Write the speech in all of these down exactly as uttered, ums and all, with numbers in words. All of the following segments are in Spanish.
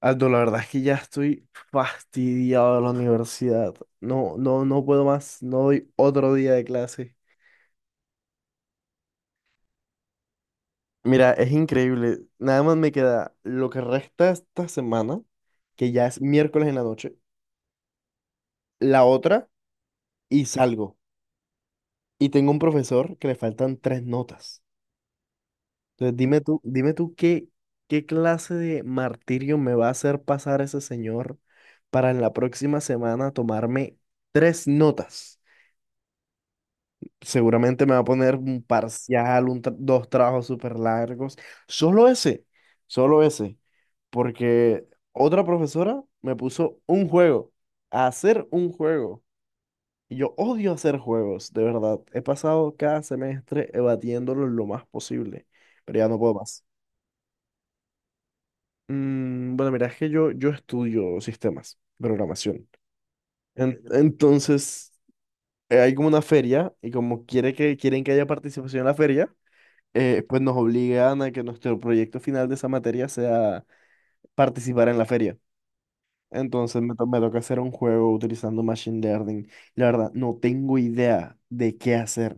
Aldo, la verdad es que ya estoy fastidiado de la universidad. No, no, no puedo más. No doy otro día de clase. Mira, es increíble. Nada más me queda lo que resta esta semana, que ya es miércoles en la noche, la otra y salgo. Y tengo un profesor que le faltan tres notas. Entonces, dime tú, dime tú qué, qué clase de martirio me va a hacer pasar ese señor para en la próxima semana tomarme tres notas. Seguramente me va a poner un parcial, un tra- dos trabajos súper largos. Solo ese, solo ese. Porque otra profesora me puso un juego, a hacer un juego. Y yo odio hacer juegos, de verdad. He pasado cada semestre evadiéndolo lo más posible, pero ya no puedo más. Mm, bueno, mira, es que yo, yo estudio sistemas, programación. En- entonces, eh, hay como una feria y como quiere que, quieren que haya participación en la feria. Eh, pues nos obligan a que nuestro proyecto final de esa materia sea participar en la feria. Entonces me, to- me toca hacer un juego utilizando Machine Learning. La verdad, no tengo idea de qué hacer.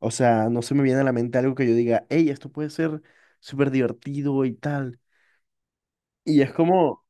O sea, no se me viene a la mente algo que yo diga, hey, esto puede ser súper divertido y tal. Y es como,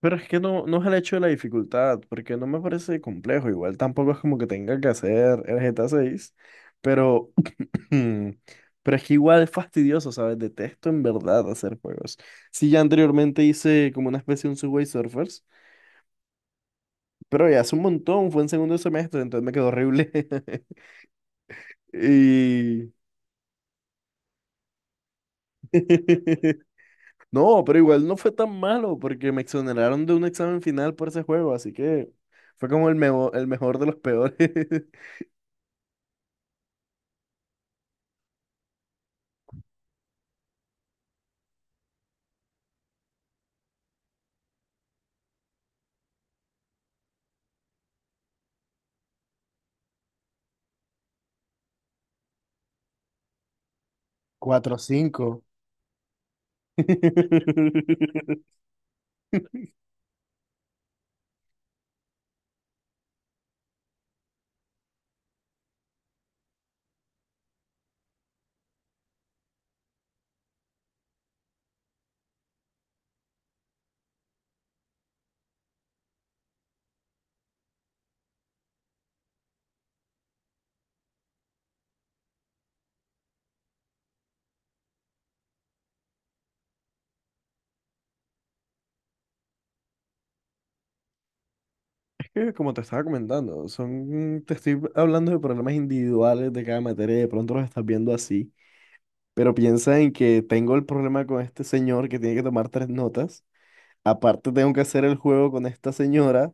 pero es que no, no es el hecho de la dificultad, porque no me parece complejo. Igual tampoco es como que tenga que hacer el G T A seis, pero Hmm, pero es que igual es fastidioso, ¿sabes? Detesto en verdad hacer juegos. Sí, ya anteriormente hice como una especie de un Subway Surfers, pero ya hace un montón, fue en segundo semestre, entonces me quedó horrible. Y... No, pero igual no fue tan malo porque me exoneraron de un examen final por ese juego, así que fue como el, meo- el mejor de los peores. Cuatro cinco. Que como te estaba comentando, son, te estoy hablando de problemas individuales de cada materia y de pronto los estás viendo así, pero piensa en que tengo el problema con este señor que tiene que tomar tres notas, aparte tengo que hacer el juego con esta señora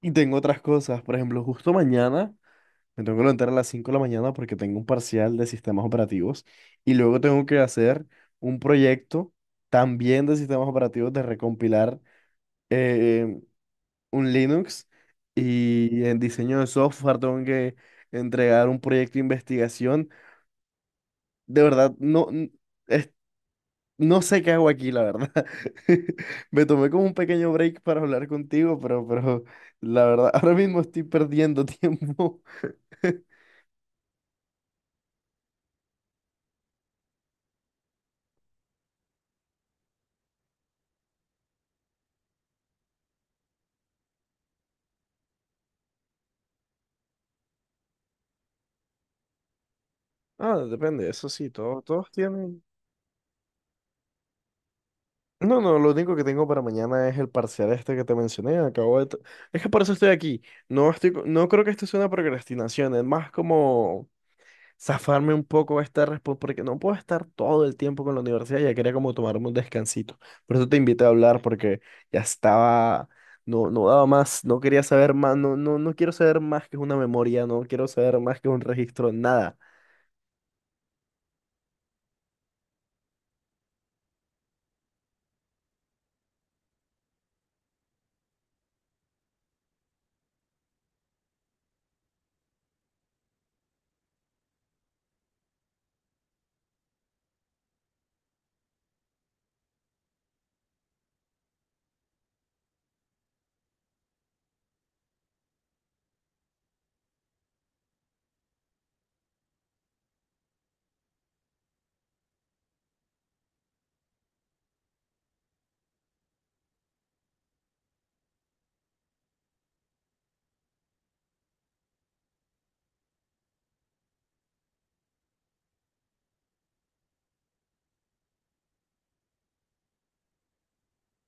y tengo otras cosas, por ejemplo, justo mañana me tengo que levantar a las cinco de la mañana porque tengo un parcial de sistemas operativos y luego tengo que hacer un proyecto también de sistemas operativos de recompilar. eh, un Linux, y en diseño de software tengo que entregar un proyecto de investigación. De verdad, no, n- es- no sé qué hago aquí, la verdad. Me tomé como un pequeño break para hablar contigo, pero, pero la verdad, ahora mismo estoy perdiendo tiempo. Ah, depende, eso sí, todos, todos tienen. No, no, lo único que tengo para mañana es el parcial este que te mencioné. Acabo de. t- Es que por eso estoy aquí. No estoy, co- no creo que esto sea una procrastinación, es más como zafarme un poco esta respuesta, porque no puedo estar todo el tiempo con la universidad, ya quería como tomarme un descansito. Por eso te invité a hablar, porque ya estaba, no, no daba más, no quería saber más, no, no, no quiero saber más que una memoria, no quiero saber más que un registro, nada.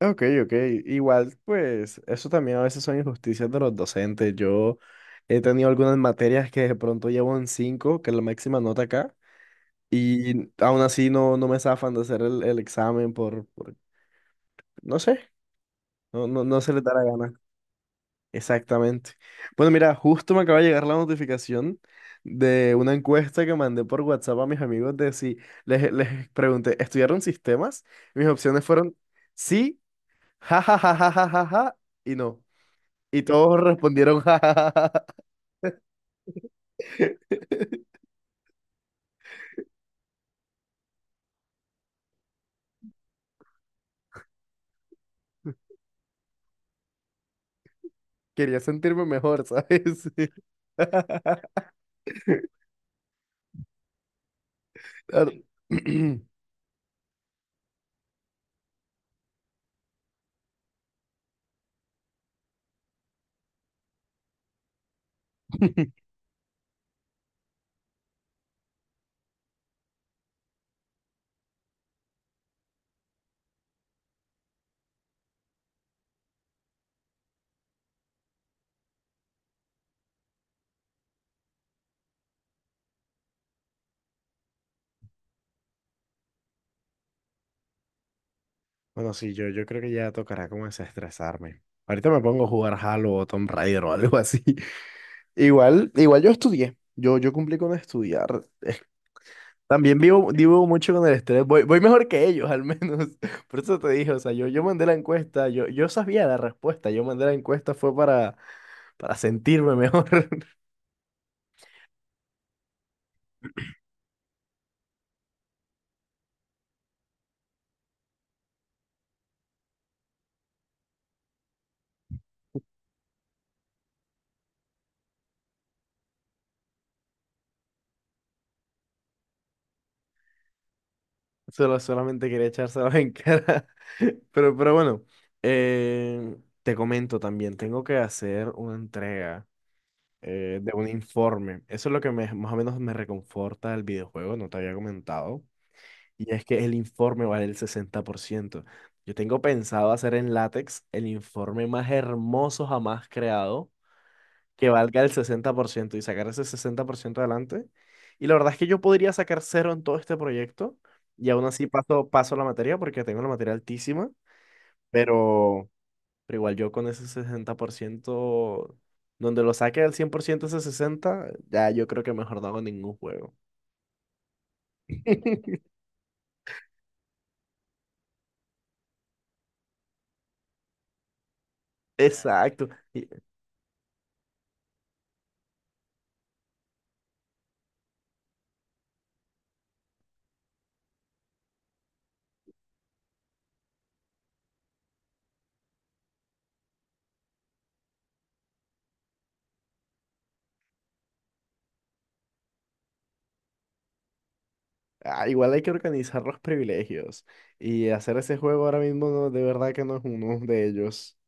Ok, ok, igual, pues eso también a veces son injusticias de los docentes. Yo he tenido algunas materias que de pronto llevo en cinco que es la máxima nota acá, y aún así no, no me zafan de hacer el, el examen por, por, no sé, no, no, no se le da la gana. Exactamente. Bueno, mira, justo me acaba de llegar la notificación de una encuesta que mandé por WhatsApp a mis amigos de si les, les pregunté, ¿estudiaron sistemas? Mis opciones fueron sí, ja, ja, ja, ja, ja, ja, ja, y no. Y todos respondieron ja, ja, ja, ja, ja. Quería sentirme mejor, ¿sabes? Ar- Bueno, sí, yo, yo creo que ya tocará como desestresarme. Ahorita me pongo a jugar Halo o Tomb Raider o algo así. Igual, igual yo estudié. Yo, yo cumplí con estudiar. Eh, También vivo, vivo mucho con el estrés. Voy, voy mejor que ellos, al menos. Por eso te dije, o sea, yo, yo mandé la encuesta, yo, yo sabía la respuesta. Yo mandé la encuesta fue para, para sentirme mejor. Solo, solamente quería echárselos en cara. Pero, pero bueno, eh, te comento también, tengo que hacer una entrega. Eh, de un informe. Eso es lo que me- más o menos me reconforta del videojuego, no te había comentado. Y es que el informe vale el sesenta por ciento. Yo tengo pensado hacer en látex el informe más hermoso jamás creado, que valga el sesenta por ciento y sacar ese sesenta por ciento adelante. Y la verdad es que yo podría sacar cero en todo este proyecto y aún así paso, paso la materia porque tengo la materia altísima, pero... Pero igual yo con ese sesenta por ciento donde lo saque al cien por ciento ese sesenta ya yo creo que mejor no hago ningún juego. Exacto. Y- ah, igual hay que organizar los privilegios. Y hacer ese juego ahora mismo no- de verdad que no es uno de ellos.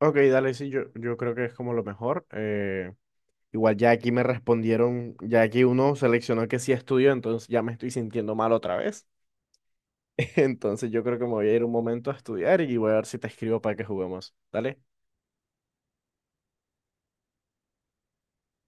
Ok, dale, sí, yo, yo creo que es como lo mejor. Eh, igual ya aquí me respondieron, ya aquí uno seleccionó que sí estudio, entonces ya me estoy sintiendo mal otra vez. Entonces yo creo que me voy a ir un momento a estudiar y voy a ver si te escribo para que juguemos. Dale.